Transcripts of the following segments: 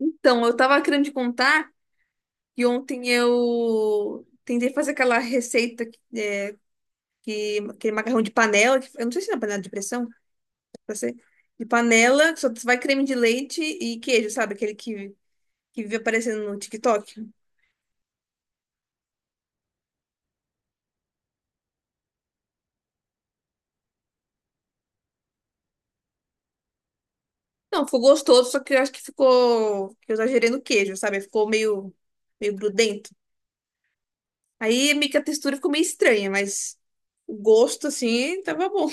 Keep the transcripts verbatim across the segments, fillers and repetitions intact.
Então, eu tava querendo te contar que ontem eu tentei fazer aquela receita que, é, que aquele macarrão de panela, que, eu não sei se é panela de pressão, pra ser, de panela, que só vai creme de leite e queijo, sabe? Aquele que, que vive aparecendo no TikTok. Não, ficou gostoso, só que eu acho que ficou, que eu exagerei no queijo, sabe? Ficou meio, meio grudento. Aí meio que a textura ficou meio estranha, mas o gosto, assim, tava bom.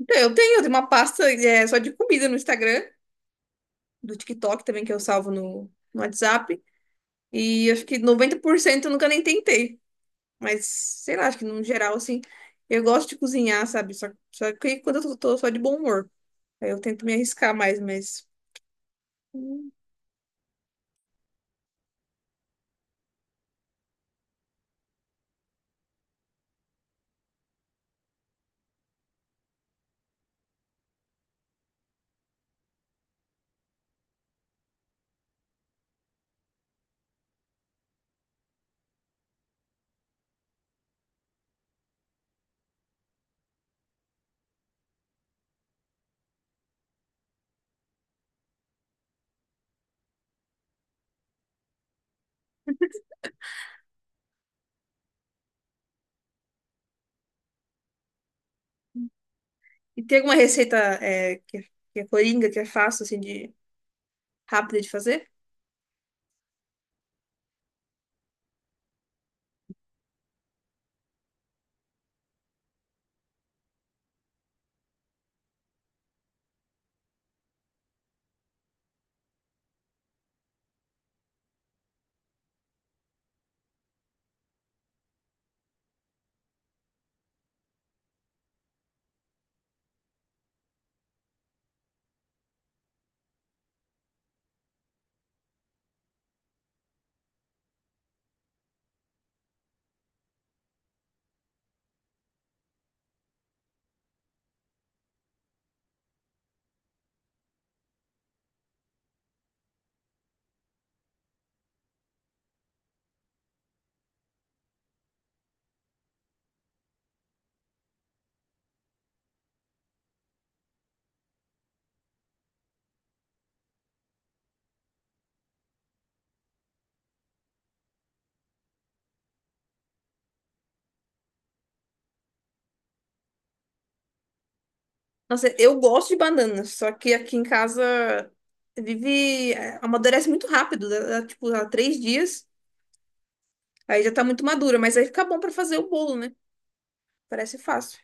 Então, Eu tenho, eu tenho uma pasta, é, só de comida no Instagram, do TikTok também, que eu salvo no, no WhatsApp. E acho que noventa por cento eu nunca nem tentei. Mas, sei lá, acho que no geral, assim, eu gosto de cozinhar, sabe? Só, só que quando eu tô, tô só de bom humor. Aí eu tento me arriscar mais, mas. E tem alguma receita é, que, é, que é coringa, que é fácil, assim, de rápida de fazer? Nossa, eu gosto de banana, só que aqui em casa vive. é, Amadurece muito rápido, dá, dá, tipo, há três dias. Aí já tá muito madura, mas aí fica bom pra fazer o bolo, né? Parece fácil.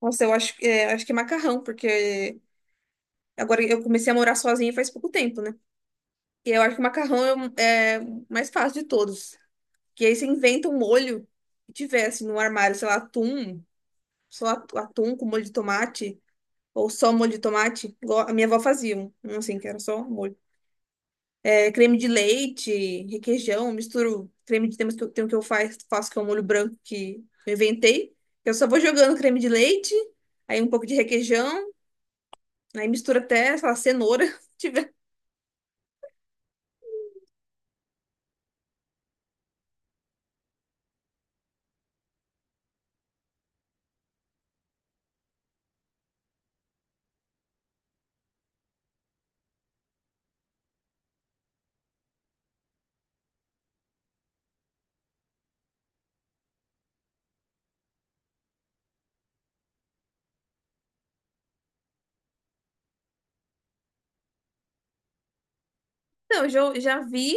Nossa, eu acho, é, acho que é macarrão, porque agora eu comecei a morar sozinha faz pouco tempo, né? E eu acho que macarrão é, o- é o mais fácil de todos. Que aí você inventa um molho que tivesse no armário, sei lá, atum, só atu- atum com molho de tomate, ou só molho de tomate, igual a minha avó fazia, um, um assim, que era só molho. É, creme de leite, requeijão, misturo creme de tem um que eu, tem um que eu faz, faço, que é um molho branco que eu inventei. Eu só vou jogando creme de leite, aí um pouco de requeijão. Aí mistura até, sei lá, cenoura. Se tiver. Não, eu já, já vi.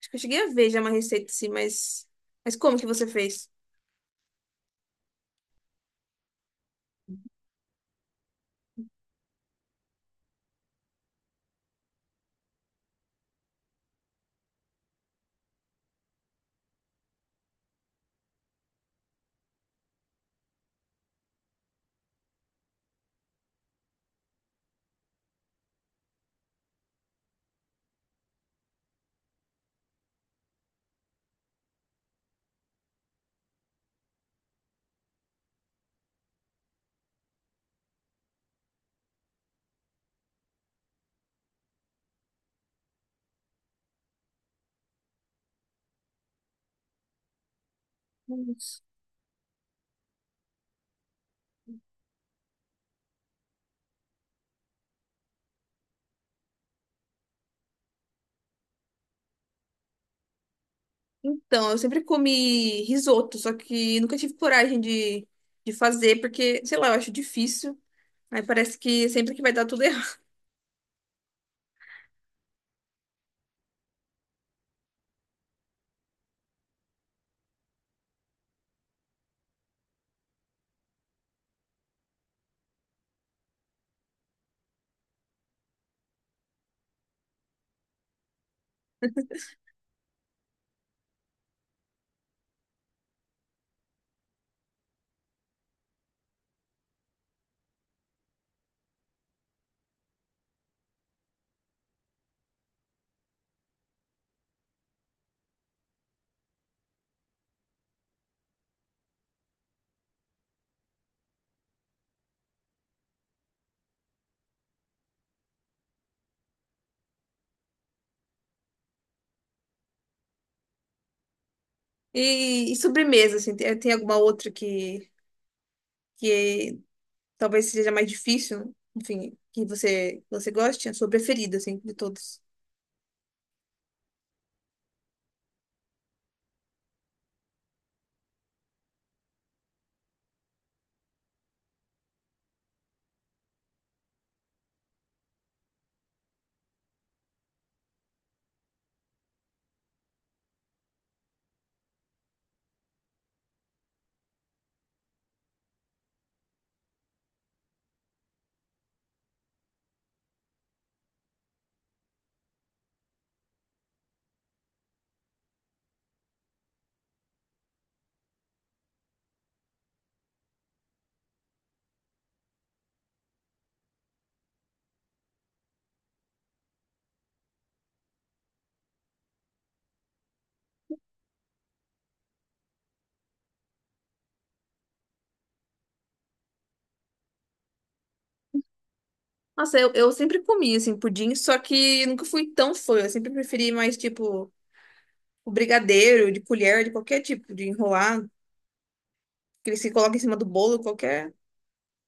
Acho que eu cheguei a ver já uma receita assim, mas. Mas como que você fez? Nossa. Então, eu sempre comi risoto, só que nunca tive coragem de, de fazer, porque, sei lá, eu acho difícil. Aí parece que sempre que vai dar tudo errado. E, e sobremesa, assim, tem, tem alguma outra que, que talvez seja mais difícil, enfim, que você, você goste? A sua preferida, assim, de todos. Nossa, eu, eu sempre comi, assim, pudim, só que nunca fui tão fã. Eu sempre preferi mais, tipo, o brigadeiro, de colher, de qualquer tipo, de enrolar, que eles se colocam em cima do bolo, qualquer,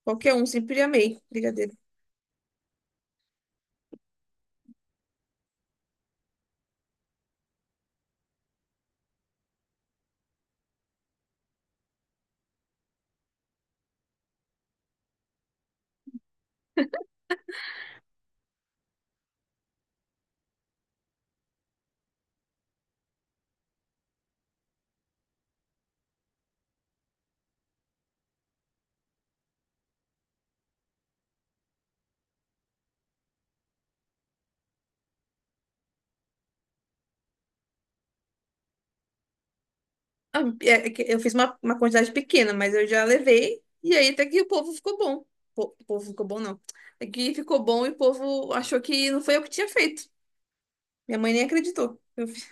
qualquer um. Sempre amei brigadeiro. Ah, é é que eu fiz uma, uma quantidade pequena, mas eu já levei. E aí até que o povo ficou bom. Po- O povo ficou bom, não. É que ficou bom e o povo achou que não foi eu que tinha feito. Minha mãe nem acreditou. Eu, fi-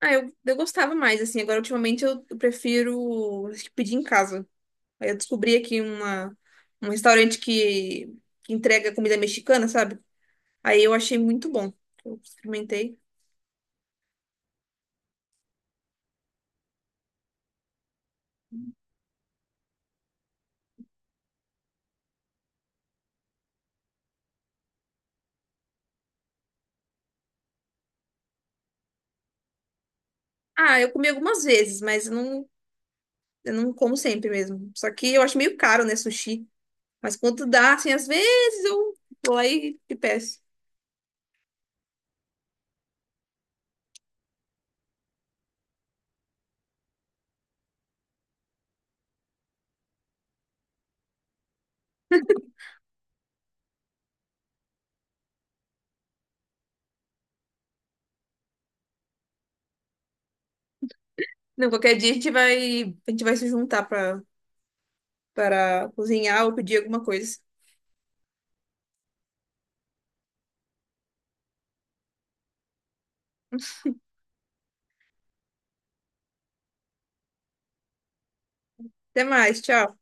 ah, eu, eu gostava mais, assim. Agora, ultimamente, eu, eu prefiro acho que pedir em casa. Aí eu descobri aqui uma, um restaurante que, que entrega comida mexicana, sabe? Aí eu achei muito bom. Eu experimentei. Ah, eu comi algumas vezes, mas eu não, eu não como sempre mesmo. Só que eu acho meio caro, né, sushi. Mas quando dá, assim, às vezes eu vou lá e te peço. Não, qualquer dia a gente vai, a gente vai se juntar para para cozinhar ou pedir alguma coisa. Até mais, tchau.